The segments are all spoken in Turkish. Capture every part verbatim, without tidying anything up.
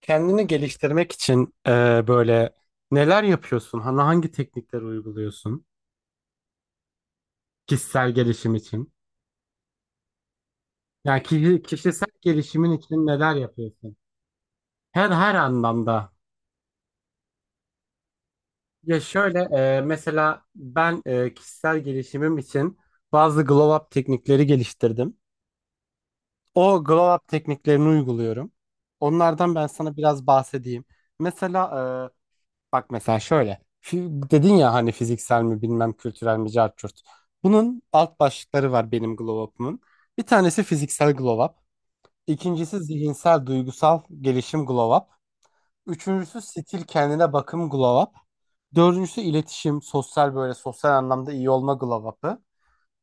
Kendini geliştirmek için e, böyle neler yapıyorsun? Hani hangi teknikleri uyguluyorsun? Kişisel gelişim için. Yani ki- kişisel gelişimin için neler yapıyorsun? Her her anlamda. Ya şöyle e, mesela ben e, kişisel gelişimim için bazı glow up teknikleri geliştirdim. O glow up tekniklerini uyguluyorum. Onlardan ben sana biraz bahsedeyim. Mesela bak mesela şöyle. Fi- Dedin ya hani fiziksel mi bilmem kültürel mi cart curt. Bunun alt başlıkları var benim glow up'ımın. Bir tanesi fiziksel glow up. İkincisi zihinsel duygusal gelişim glow up. Üçüncüsü stil kendine bakım glow up. Dördüncüsü iletişim sosyal böyle sosyal anlamda iyi olma glow up'ı.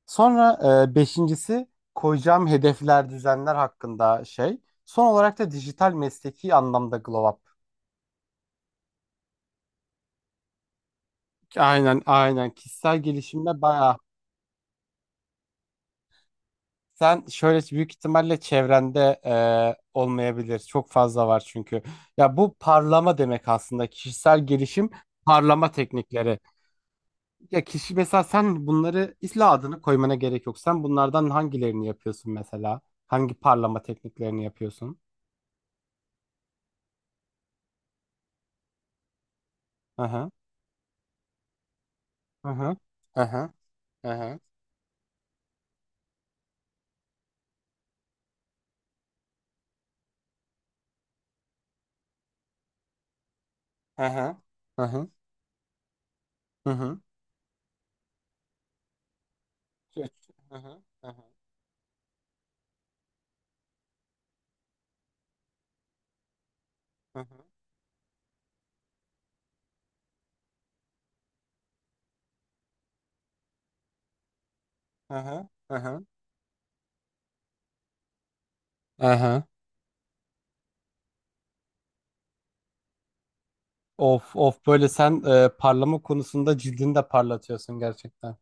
Sonra e, beşincisi koyacağım hedefler düzenler hakkında şey. Son olarak da dijital mesleki anlamda glow up. Aynen, aynen, kişisel gelişimde bayağı. Sen şöyle büyük ihtimalle çevrende e, olmayabilir. Çok fazla var çünkü. Ya bu parlama demek aslında kişisel gelişim, parlama teknikleri. Ya kişi mesela sen bunları isla adını koymana gerek yok. Sen bunlardan hangilerini yapıyorsun mesela? Hangi parlama tekniklerini yapıyorsun? Hı hı. Hı hı. Hı hı. Hı hı. Hı hı. Hı hı. Hı hı. Hı hı. Hı hı. Hı hı. Hı hı. Hı hı. Hı hı. Of of, böyle sen e, parlama konusunda cildini de parlatıyorsun gerçekten.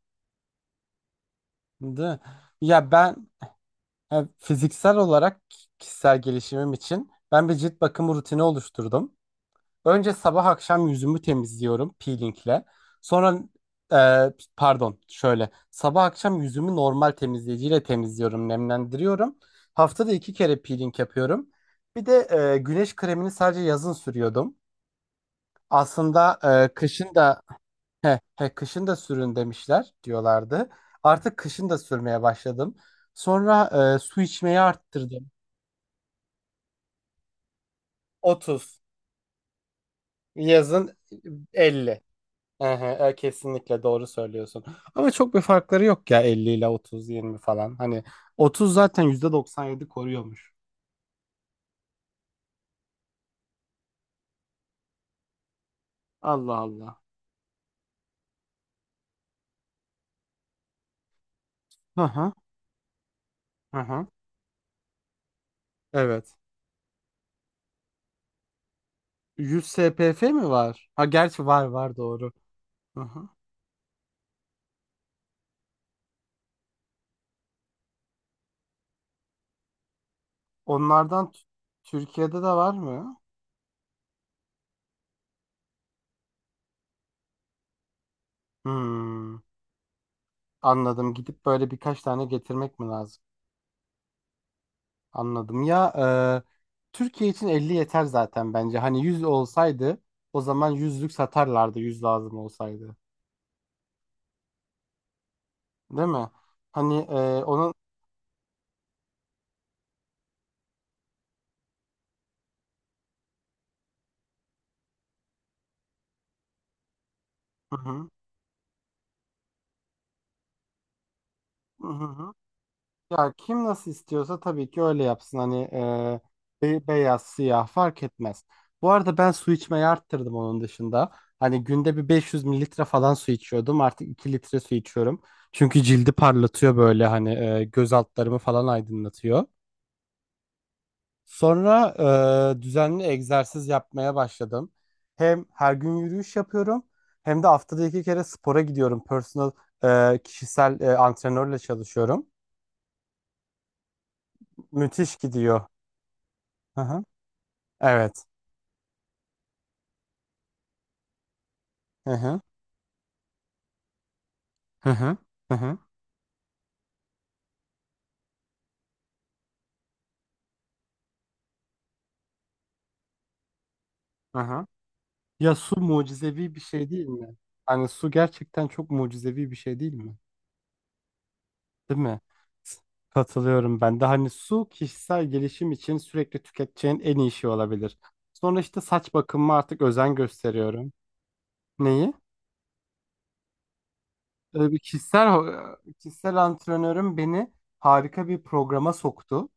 Değil mi? Ya ben e, fiziksel olarak kişisel gelişimim için ben bir cilt bakımı rutini oluşturdum. Önce sabah akşam yüzümü temizliyorum peelingle. Sonra e, pardon, şöyle sabah akşam yüzümü normal temizleyiciyle temizliyorum, nemlendiriyorum. Haftada iki kere peeling yapıyorum. Bir de e, güneş kremini sadece yazın sürüyordum. Aslında e, kışın da He, he, kışın da sürün demişler, diyorlardı. Artık kışın da sürmeye başladım. Sonra e, su içmeyi arttırdım. otuz. Yazın elli. Ehe, e, kesinlikle doğru söylüyorsun. Ama çok bir farkları yok ya, elli ile otuz, yirmi falan. Hani otuz zaten yüzde doksan yedi koruyormuş. Allah Allah. Hı hı. Hı hı. Evet. yüz S P F mi var? Ha, gerçi var var, doğru. Hı hı. Onlardan t- Türkiye'de de var mı? Hmm. Anladım. Gidip böyle birkaç tane getirmek mi lazım? Anladım. Ya e, Türkiye için elli yeter zaten bence. Hani yüz olsaydı o zaman yüzlük satarlardı, yüz lazım olsaydı. Değil mi? Hani e, onun... Hı hı. Hı hı. Ya kim nasıl istiyorsa tabii ki öyle yapsın. Hani e, be- beyaz, siyah fark etmez. Bu arada ben su içmeyi arttırdım onun dışında. Hani günde bir beş yüz mililitre falan su içiyordum. Artık iki litre su içiyorum. Çünkü cildi parlatıyor, böyle hani e, göz altlarımı falan aydınlatıyor. Sonra e, düzenli egzersiz yapmaya başladım. Hem her gün yürüyüş yapıyorum, hem de haftada iki kere spora gidiyorum. Personal e, kişisel e, antrenörle çalışıyorum. Müthiş gidiyor. Evet. Hı hı. Hı hı. Hı hı. Hı hı. Ya su mucizevi bir şey değil mi? Hani su gerçekten çok mucizevi bir şey değil mi? Değil mi? S- Katılıyorum ben de. Hani su kişisel gelişim için sürekli tüketeceğin en iyi şey olabilir. Sonra işte saç bakımıma artık özen gösteriyorum. Neyi? Ee, bir kişisel, kişisel antrenörüm beni harika bir programa soktu.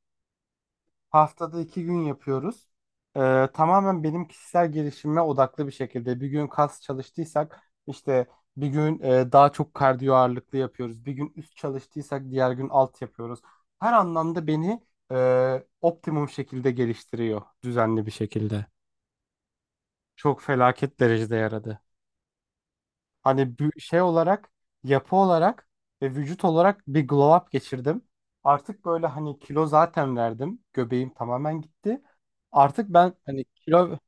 Haftada iki gün yapıyoruz. Ee, tamamen benim kişisel gelişime odaklı bir şekilde. Bir gün kas çalıştıysak işte, bir gün e, daha çok kardiyo ağırlıklı yapıyoruz. Bir gün üst çalıştıysak diğer gün alt yapıyoruz. Her anlamda beni e, optimum şekilde geliştiriyor düzenli bir şekilde. Çok felaket derecede yaradı. Hani bir şey olarak, yapı olarak ve vücut olarak bir glow up geçirdim. Artık böyle hani kilo zaten verdim. Göbeğim tamamen gitti. Artık ben hani kilo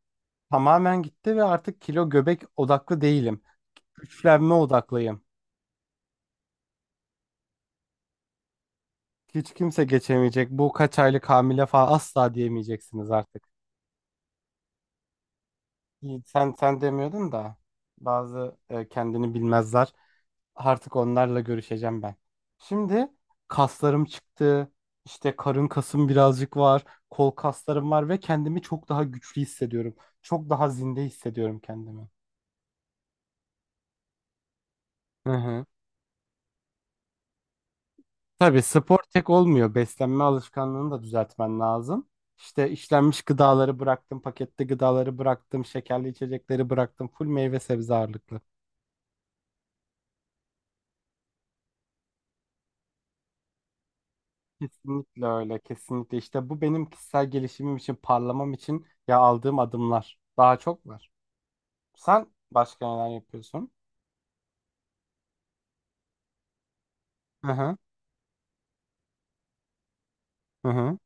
tamamen gitti ve artık kilo göbek odaklı değilim. Güçlenme odaklıyım. Hiç kimse geçemeyecek. Bu kaç aylık hamile falan asla diyemeyeceksiniz artık. İyi, sen sen demiyordun da bazı e, kendini bilmezler. Artık onlarla görüşeceğim ben. Şimdi kaslarım çıktı. İşte karın kasım birazcık var. Kol kaslarım var ve kendimi çok daha güçlü hissediyorum. Çok daha zinde hissediyorum kendimi. Hı hı. Tabii spor tek olmuyor. Beslenme alışkanlığını da düzeltmen lazım. İşte işlenmiş gıdaları bıraktım, paketli gıdaları bıraktım, şekerli içecekleri bıraktım, full meyve sebze ağırlıklı. Kesinlikle öyle, kesinlikle. İşte bu benim kişisel gelişimim için, parlamam için ya aldığım adımlar. Daha çok var. Sen başka neler yapıyorsun? Hı hı, hı hı.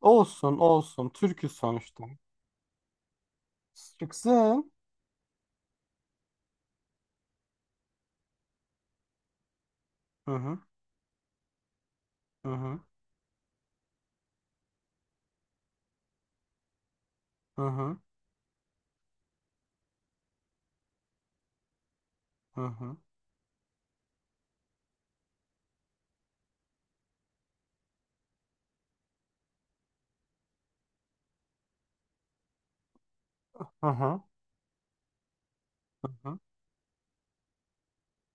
Olsun, olsun. Türk'üz sonuçta. Çıksın. Hı hı, hı hı, hı hı, hı hı, hı hı. Hı hı.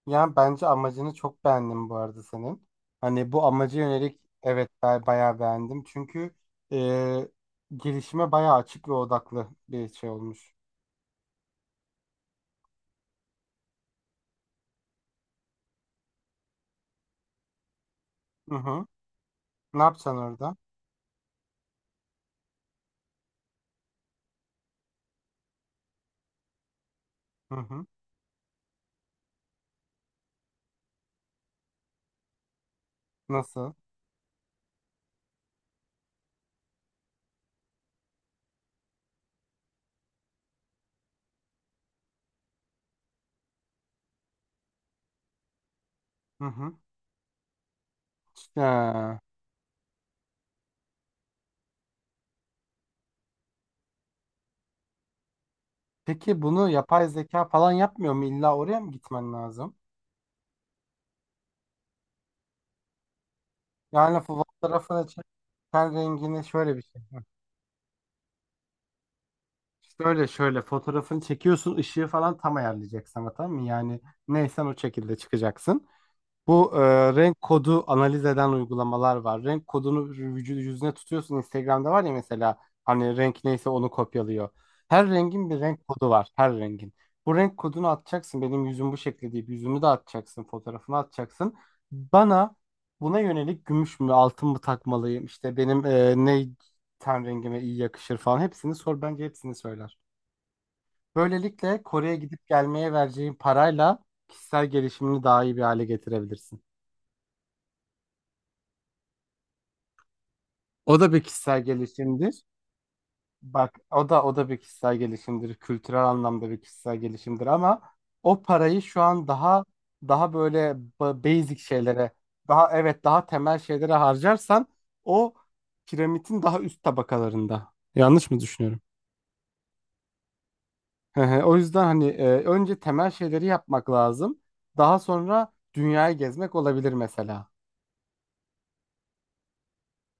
Yani bence amacını çok beğendim bu arada senin. Hani bu amaca yönelik evet ben bayağı beğendim. Çünkü e, gelişime bayağı açık ve odaklı bir şey olmuş. Hı hı. Ne yapacaksın orada? Hı hı. Nasıl? Hı hı. Ha. Peki bunu yapay zeka falan yapmıyor mu? İlla oraya mı gitmen lazım? Yani fotoğrafını çek, ten rengini şöyle bir şey. Şöyle şöyle fotoğrafını çekiyorsun, ışığı falan tam ayarlayacaksın ama, tamam mı? Yani neysen o şekilde çıkacaksın. Bu e, renk kodu analiz eden uygulamalar var. Renk kodunu vücudu yüzüne tutuyorsun. Instagram'da var ya mesela, hani renk neyse onu kopyalıyor. Her rengin bir renk kodu var. Her rengin. Bu renk kodunu atacaksın. Benim yüzüm bu şekli deyip yüzümü de atacaksın. Fotoğrafını atacaksın. Bana buna yönelik gümüş mü altın mı takmalıyım? İşte benim e, ne ten rengime iyi yakışır falan. Hepsini sor. Bence hepsini söyler. Böylelikle Kore'ye gidip gelmeye vereceğin parayla kişisel gelişimini daha iyi bir hale getirebilirsin. O da bir kişisel gelişimdir. Bak o da o da bir kişisel gelişimdir. Kültürel anlamda bir kişisel gelişimdir ama o parayı şu an daha, daha böyle ba- basic şeylere, daha evet daha temel şeylere harcarsan o piramidin daha üst tabakalarında. Yanlış mı düşünüyorum? Hı hı. O yüzden hani e, önce temel şeyleri yapmak lazım. Daha sonra dünyayı gezmek olabilir mesela.